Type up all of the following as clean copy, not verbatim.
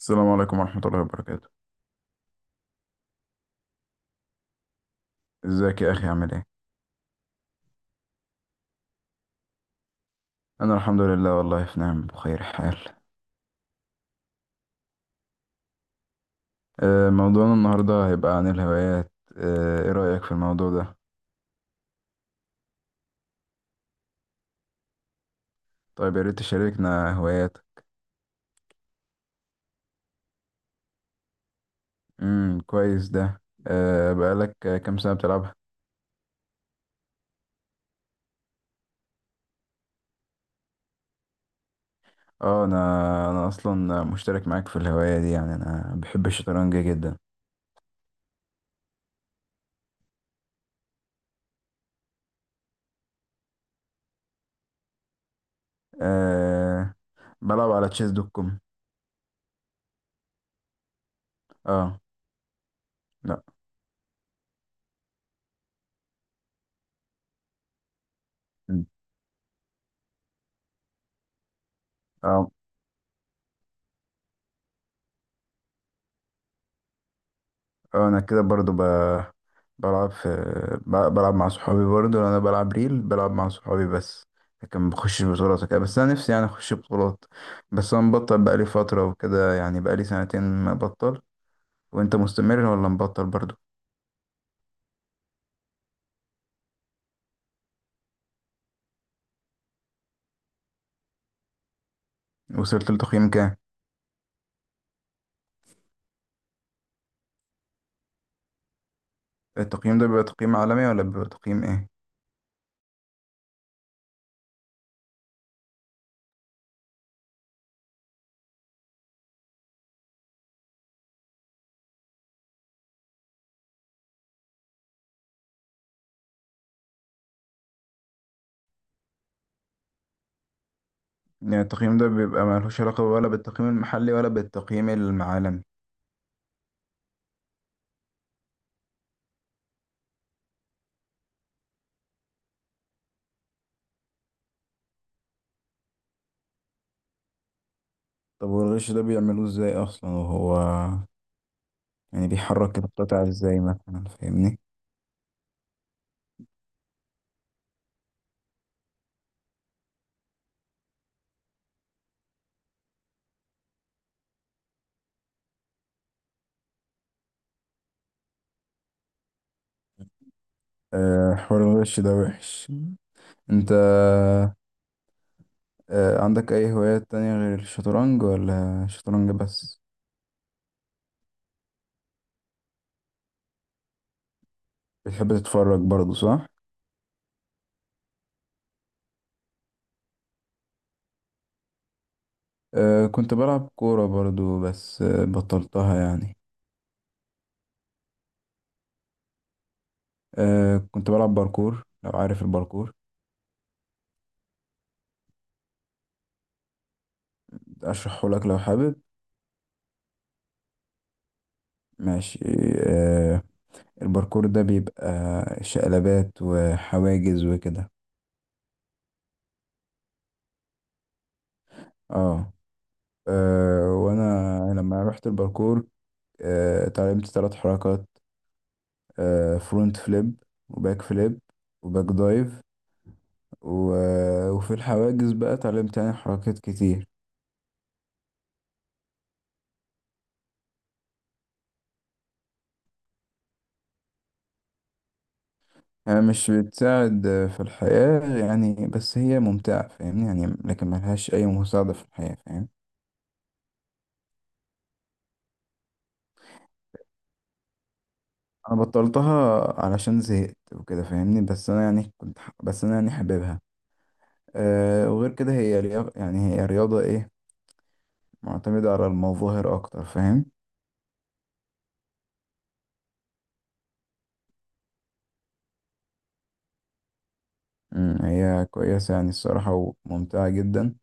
السلام عليكم ورحمة الله وبركاته. ازيك يا أخي عامل ايه؟ أنا الحمد لله والله في نعم بخير حال. موضوعنا النهاردة هيبقى عن الهوايات. ايه رأيك في الموضوع ده؟ طيب يا ريت تشاركنا هواياتك. كويس ده، بقالك كام سنة بتلعبها؟ اه، أنا أصلا مشترك معاك في الهواية دي، يعني أنا بحب الشطرنج جدا. أه، بلعب على تشيس دوت كوم. اه. لا. اه. اه، انا كده برضو ب... بلعب في ب- بلعب مع صحابي برضو، انا بلعب ريل، بلعب مع صحابي بس، لكن ما بخشش بطولات وكده، بس انا نفسي يعني اخش بطولات، بس انا مبطل بقالي فترة وكده، يعني بقالي سنتين مبطل. وانت مستمر ولا مبطل برضو؟ وصلت لتقييم كام؟ التقييم ده بيبقى تقييم عالمي ولا بيبقى تقييم ايه؟ يعني التقييم ده بيبقى ملوش علاقة ولا بالتقييم المحلي ولا بالتقييم العالمي؟ طب والغش ده بيعملوه ازاي اصلا وهو، يعني بيحرك القطع ازاي مثلا، فاهمني؟ حوار الغش ده وحش. انت، عندك اي هوايات تانية غير الشطرنج ولا شطرنج بس؟ بتحب تتفرج برضو صح؟ كنت بلعب كورة برضو بس بطلتها يعني. كنت بلعب باركور، لو عارف الباركور. اشرحه لك لو حابب؟ ماشي. آه، الباركور ده بيبقى شقلبات وحواجز وكده. اه، وانا لما رحت الباركور، اتعلمت ثلاث حركات: فرونت فليب، وباك فليب، وباك دايف، و... آه، وفي الحواجز بقى اتعلمت يعني حركات كتير. يعني مش بتساعد في الحياة يعني، بس هي ممتعة فاهمني، يعني لكن ملهاش أي مساعدة في الحياة، فاهم؟ أنا بطلتها علشان زهقت وكده فاهمني، بس أنا يعني حاببها. أه، وغير كده هي رياضة، يعني هي رياضة إيه، معتمدة على المظاهر أكتر، فاهم؟ مم، هي كويسة يعني الصراحة وممتعة جدا،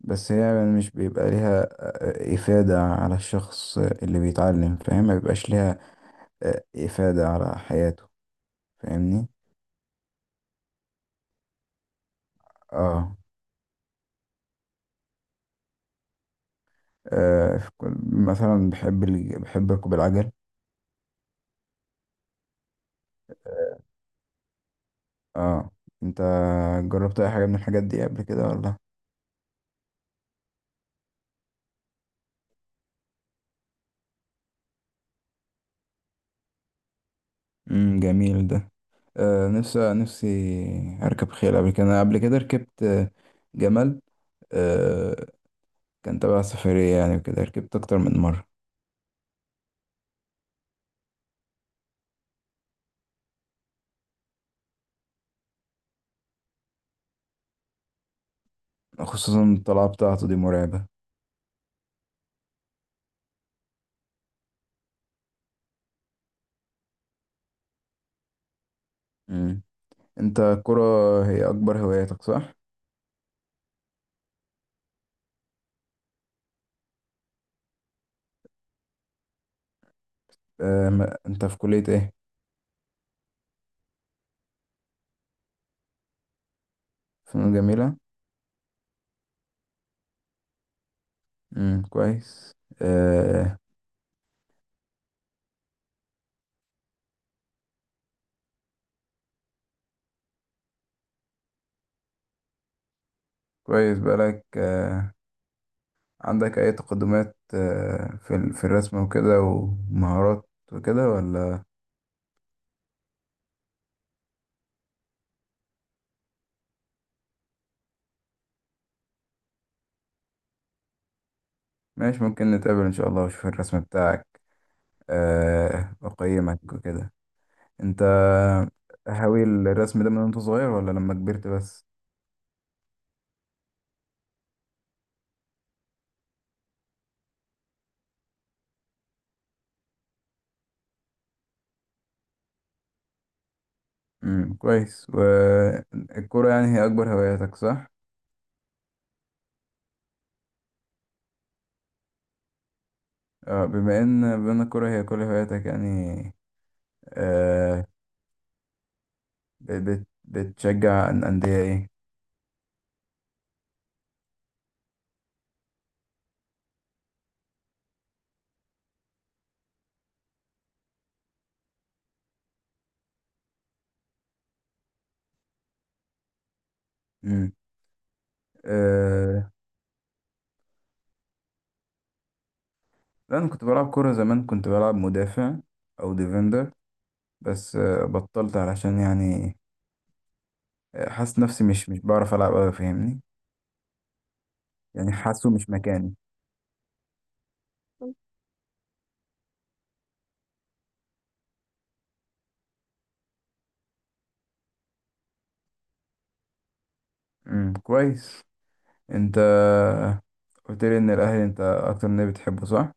بس هي يعني مش بيبقى ليها إفادة على الشخص اللي بيتعلم، فاهم؟ ما بيبقاش ليها إفادة على حياته، فاهمني؟ اه، مثلا بحب بحب ركوب العجل. اه. آه. انت جربت اي حاجة من الحاجات دي قبل كده ولا؟ جميل ده. آه، نفسي اركب خيل قبل كده. أنا قبل كده ركبت جمل، آه، كان تبع سفرية يعني وكده، ركبت اكتر من مرة. خصوصا الطلعة بتاعته دي مرعبة. انت الكرة هي اكبر هواياتك صح؟ انت في كلية ايه؟ فنون جميلة؟ كويس. آه، كويس. بقالك آه، عندك اي تقدمات في في الرسم وكده ومهارات وكده ولا؟ ماشي، ممكن نتقابل ان شاء الله واشوف الرسم بتاعك، واقيمك وكده. انت هاوي الرسم ده من وانت صغير ولا لما كبرت بس؟ كويس. والكرة يعني هي اكبر هواياتك صح؟ بما ان الكورة هي كل هواياتك يعني، آه ب- بت بتشجع أندية ايه؟ مم. آه. لا انا كنت بلعب كورة زمان، كنت بلعب مدافع او ديفندر، بس بطلت علشان يعني حاسس نفسي مش بعرف العب أوي، فاهمني؟ يعني حاسه مش مكاني. مم. كويس. انت قلت لي ان الاهلي انت اكتر نادي بتحبه صح؟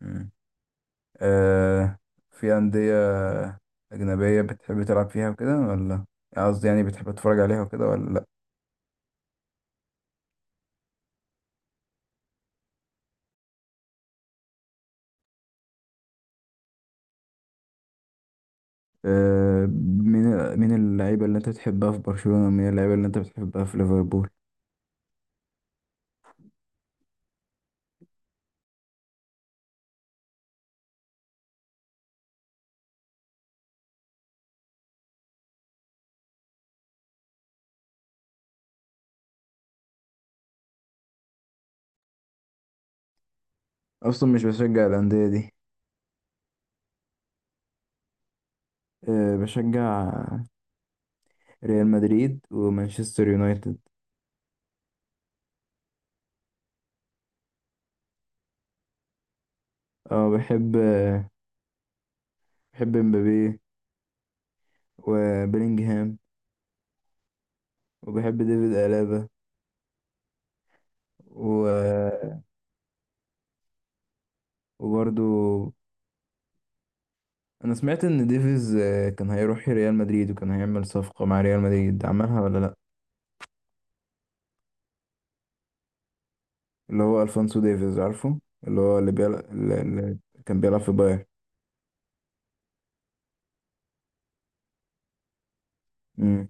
مم. آه. في أندية أجنبية بتحب تلعب فيها وكده ولا، قصدي يعني بتحب تتفرج عليها وكده ولا لأ؟ آه، مين اللعيبة اللي انت بتحبها في برشلونة، ومين اللعيبة اللي انت بتحبها في ليفربول؟ أصلا مش بشجع الأندية دي. بشجع ريال مدريد ومانشستر يونايتد. اه بحب بحب مبابي، وبيلينجهام، وبحب ديفيد ألابا، و... وبرضو انا سمعت ان ديفيز كان هيروح ريال مدريد، وكان هيعمل صفقة مع ريال مدريد، عملها ولا لا؟ اللي هو الفونسو ديفيز عارفه، اللي هو اللي بيلعب، اللي كان بيلعب في بايرن. امم.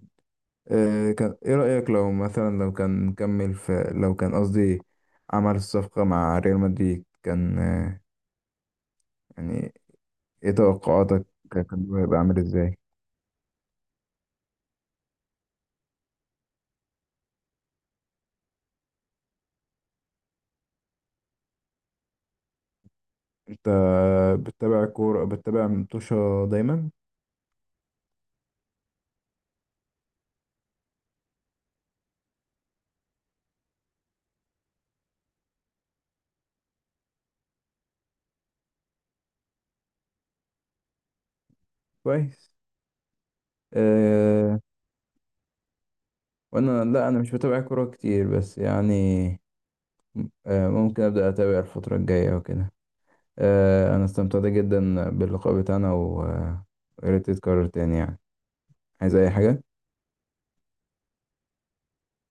كان ايه رأيك لو مثلا لو كان كمل في، لو كان قصدي عمل الصفقة مع ريال مدريد، كان يعني ايه توقعاتك، كان هو هيبقى عامل ازاي؟ انت بتتابع كورة، بتتابع متوشة دايما؟ كويس. أه. وانا لا، انا مش بتابع كورة كتير بس يعني ممكن أبدأ أتابع الفترة الجاية وكده. أنا استمتعت جدا باللقاء بتاعنا، ويا ريت يتكرر تاني يعني. عايز أي حاجة؟